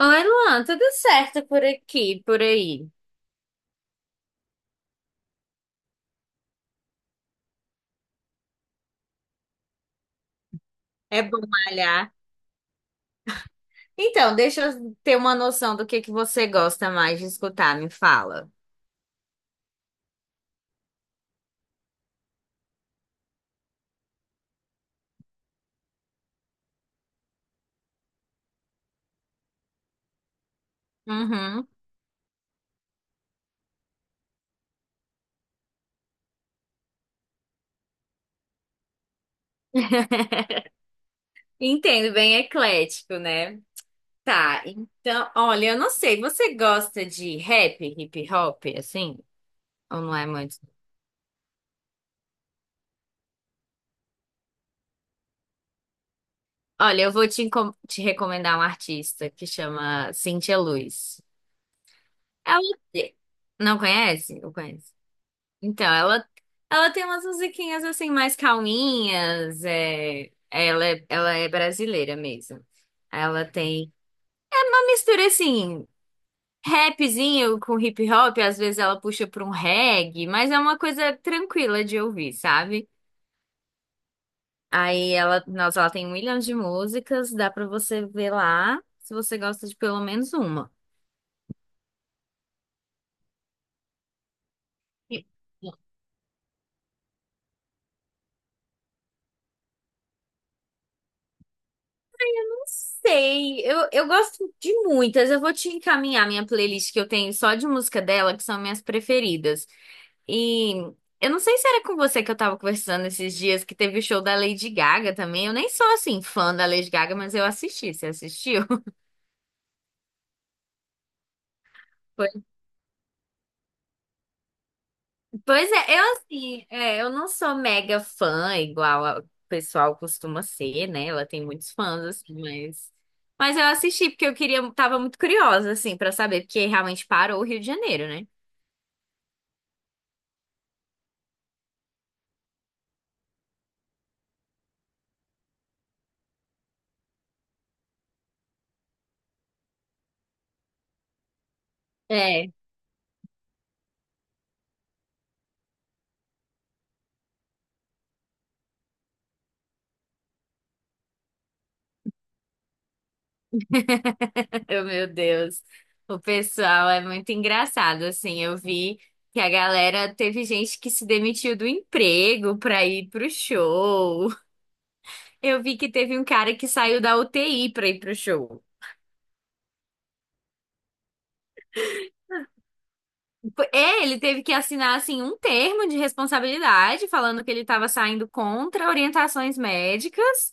Oi, Luan, tudo certo por aqui, por aí? É bom malhar. Então, deixa eu ter uma noção do que você gosta mais de escutar, me fala. Uhum. Entendo, bem eclético, né? Tá, então, olha, eu não sei, você gosta de rap, hip hop, assim? Ou não é muito? Olha, eu vou te, encom- te recomendar um artista que chama Cintia Luz. Ela não conhece? Ou conhece? Então, ela, ela tem umas musiquinhas assim mais calminhas, ela é brasileira mesmo. Ela tem uma mistura assim, rapzinho com hip hop, às vezes ela puxa para um reggae, mas é uma coisa tranquila de ouvir, sabe? Aí ela, nossa, ela tem um milhão de músicas, dá para você ver lá se você gosta de pelo menos uma. Eu Não sei, eu gosto de muitas. Eu vou te encaminhar minha playlist que eu tenho só de música dela, que são minhas preferidas. E eu não sei se era com você que eu tava conversando esses dias que teve o show da Lady Gaga também. Eu nem sou assim fã da Lady Gaga, mas eu assisti. Você assistiu? Pois pois é, eu não sou mega fã igual a- o pessoal costuma ser, né? Ela tem muitos fãs assim, mas eu assisti porque eu queria, tava muito curiosa assim pra saber, porque realmente parou o Rio de Janeiro, né? É. Oh, meu Deus. O pessoal é muito engraçado, assim. Eu vi que a galera teve gente que se demitiu do emprego pra ir pro show. Eu vi que teve um cara que saiu da UTI pra ir pro show. É, ele teve que assinar assim um termo de responsabilidade falando que ele estava saindo contra orientações médicas.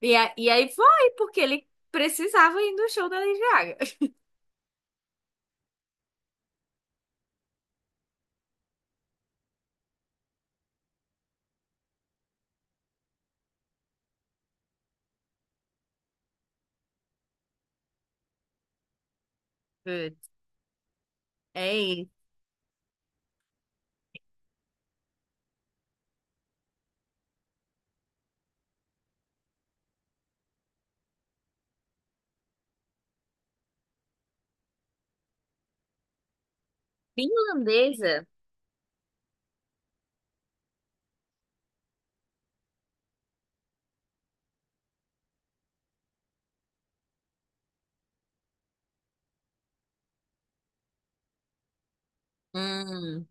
E aí foi porque ele precisava ir no show da Lady Gaga. Putz, é isso. Finlandesa. Hum,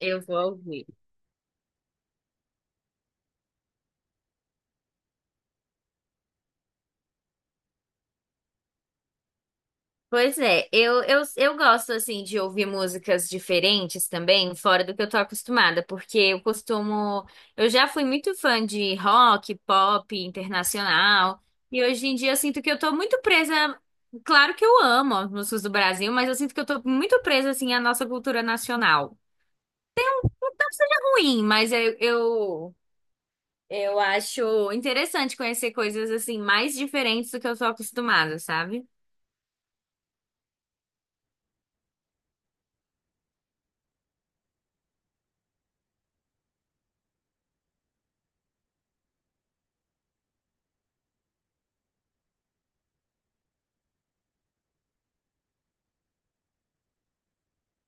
eu vou ouvir. Pois é, eu gosto assim de ouvir músicas diferentes também, fora do que eu tô acostumada, eu já fui muito fã de rock, pop, internacional, e hoje em dia eu sinto que eu tô muito presa, claro que eu amo as músicas do Brasil, mas eu sinto que eu tô muito presa assim à nossa cultura nacional. Ruim, mas eu acho interessante conhecer coisas assim mais diferentes do que eu sou acostumada, sabe?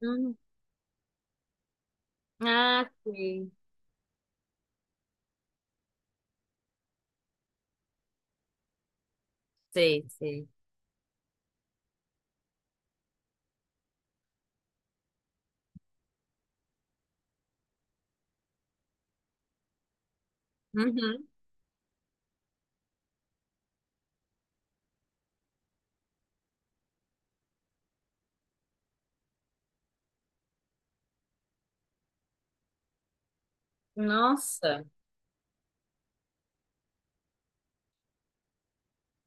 Hum. Ah, sei, sei, sei. Uhum. Nossa,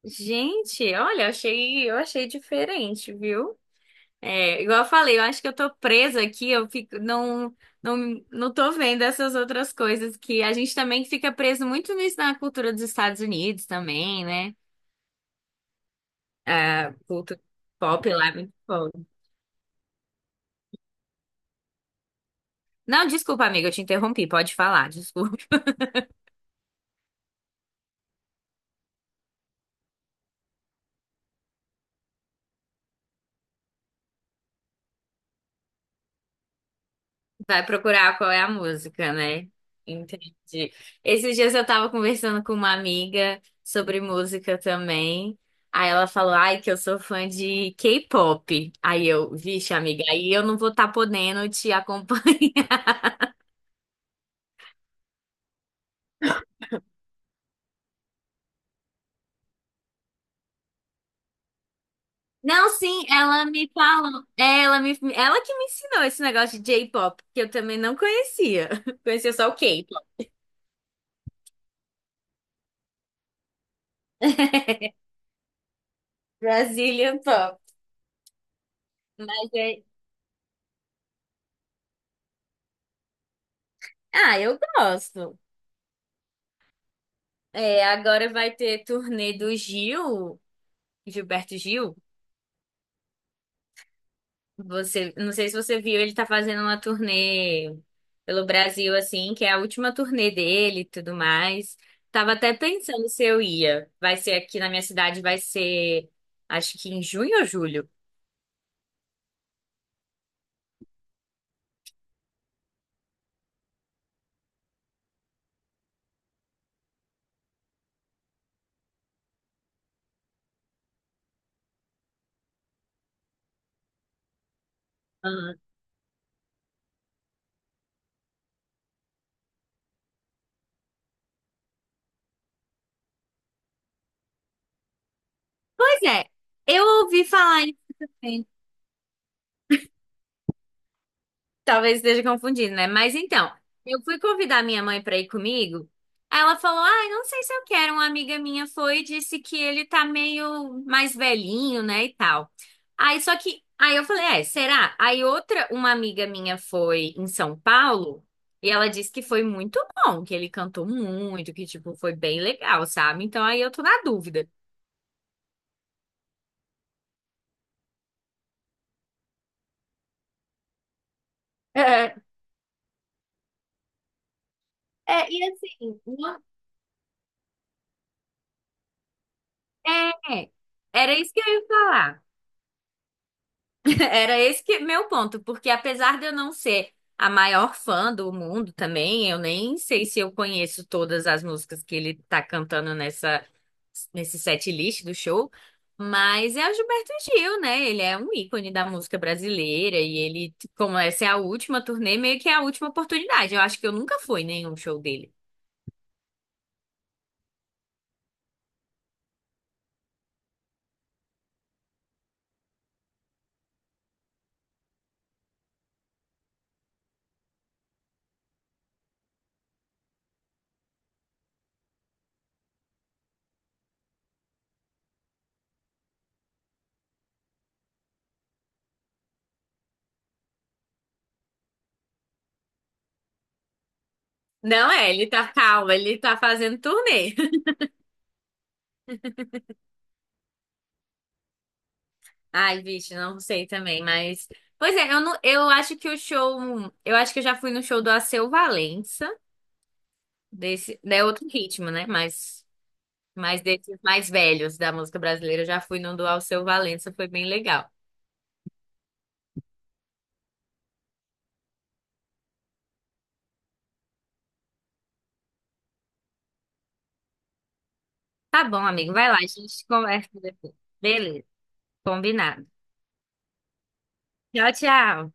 gente, olha, achei, eu achei diferente, viu? É, igual eu falei, eu acho que eu tô presa aqui, eu fico, não, não, não tô vendo essas outras coisas que a gente também fica preso muito nisso na cultura dos Estados Unidos também, né? A cultura pop lá é muito forte. Não, desculpa, amiga, eu te interrompi, pode falar. Vai procurar qual é a música, né? Entendi. Esses dias eu tava conversando com uma amiga sobre música também. Aí ela falou, ai, que eu sou fã de K-pop. Aí eu, vixe, amiga, aí eu não vou estar podendo te acompanhar. Não, sim, ela me falou. Ela que me ensinou esse negócio de J-pop, que eu também não conhecia. Conhecia só o K-pop. Brazilian Pop. Mas é. Ah, eu gosto. É, agora vai ter turnê do Gil. Gilberto Gil, você, não sei se você viu, ele tá fazendo uma turnê pelo Brasil, assim, que é a última turnê dele e tudo mais. Tava até pensando se eu ia. Vai ser aqui na minha cidade, acho que em junho ou julho. Aham. Pois é, eu ouvi falar em talvez esteja confundindo, né? Mas então, eu fui convidar minha mãe para ir comigo. Aí ela falou: Ah, não sei se eu quero. Uma amiga minha foi e disse que ele tá meio mais velhinho, né? E tal. Aí só que. Aí eu falei: É, será? Aí outra, uma amiga minha foi em São Paulo e ela disse que foi muito bom, que ele cantou muito, que, tipo, foi bem legal, sabe? Então aí eu tô na dúvida. É. É, e assim, não- é, era isso que eu ia falar. Era esse que meu ponto, porque apesar de eu não ser a maior fã do mundo também, eu nem sei se eu conheço todas as músicas que ele tá cantando nessa nesse set list do show, mas é o Gilberto Gil, né? Ele é um ícone da música brasileira e ele, como essa é a última turnê, meio que é a última oportunidade. Eu acho que eu nunca fui em nenhum show dele. Não é, ele tá calmo, ele tá fazendo turnê. Ai, bicho, não sei também, mas. Pois é, eu, não, eu acho que o show. Eu acho que eu já fui no show do Alceu Valença, É outro ritmo, né? Mas desses mais velhos da música brasileira, eu já fui no do Alceu Valença, foi bem legal. Tá bom, amigo, vai lá, a gente conversa depois. Beleza, combinado. Tchau, tchau.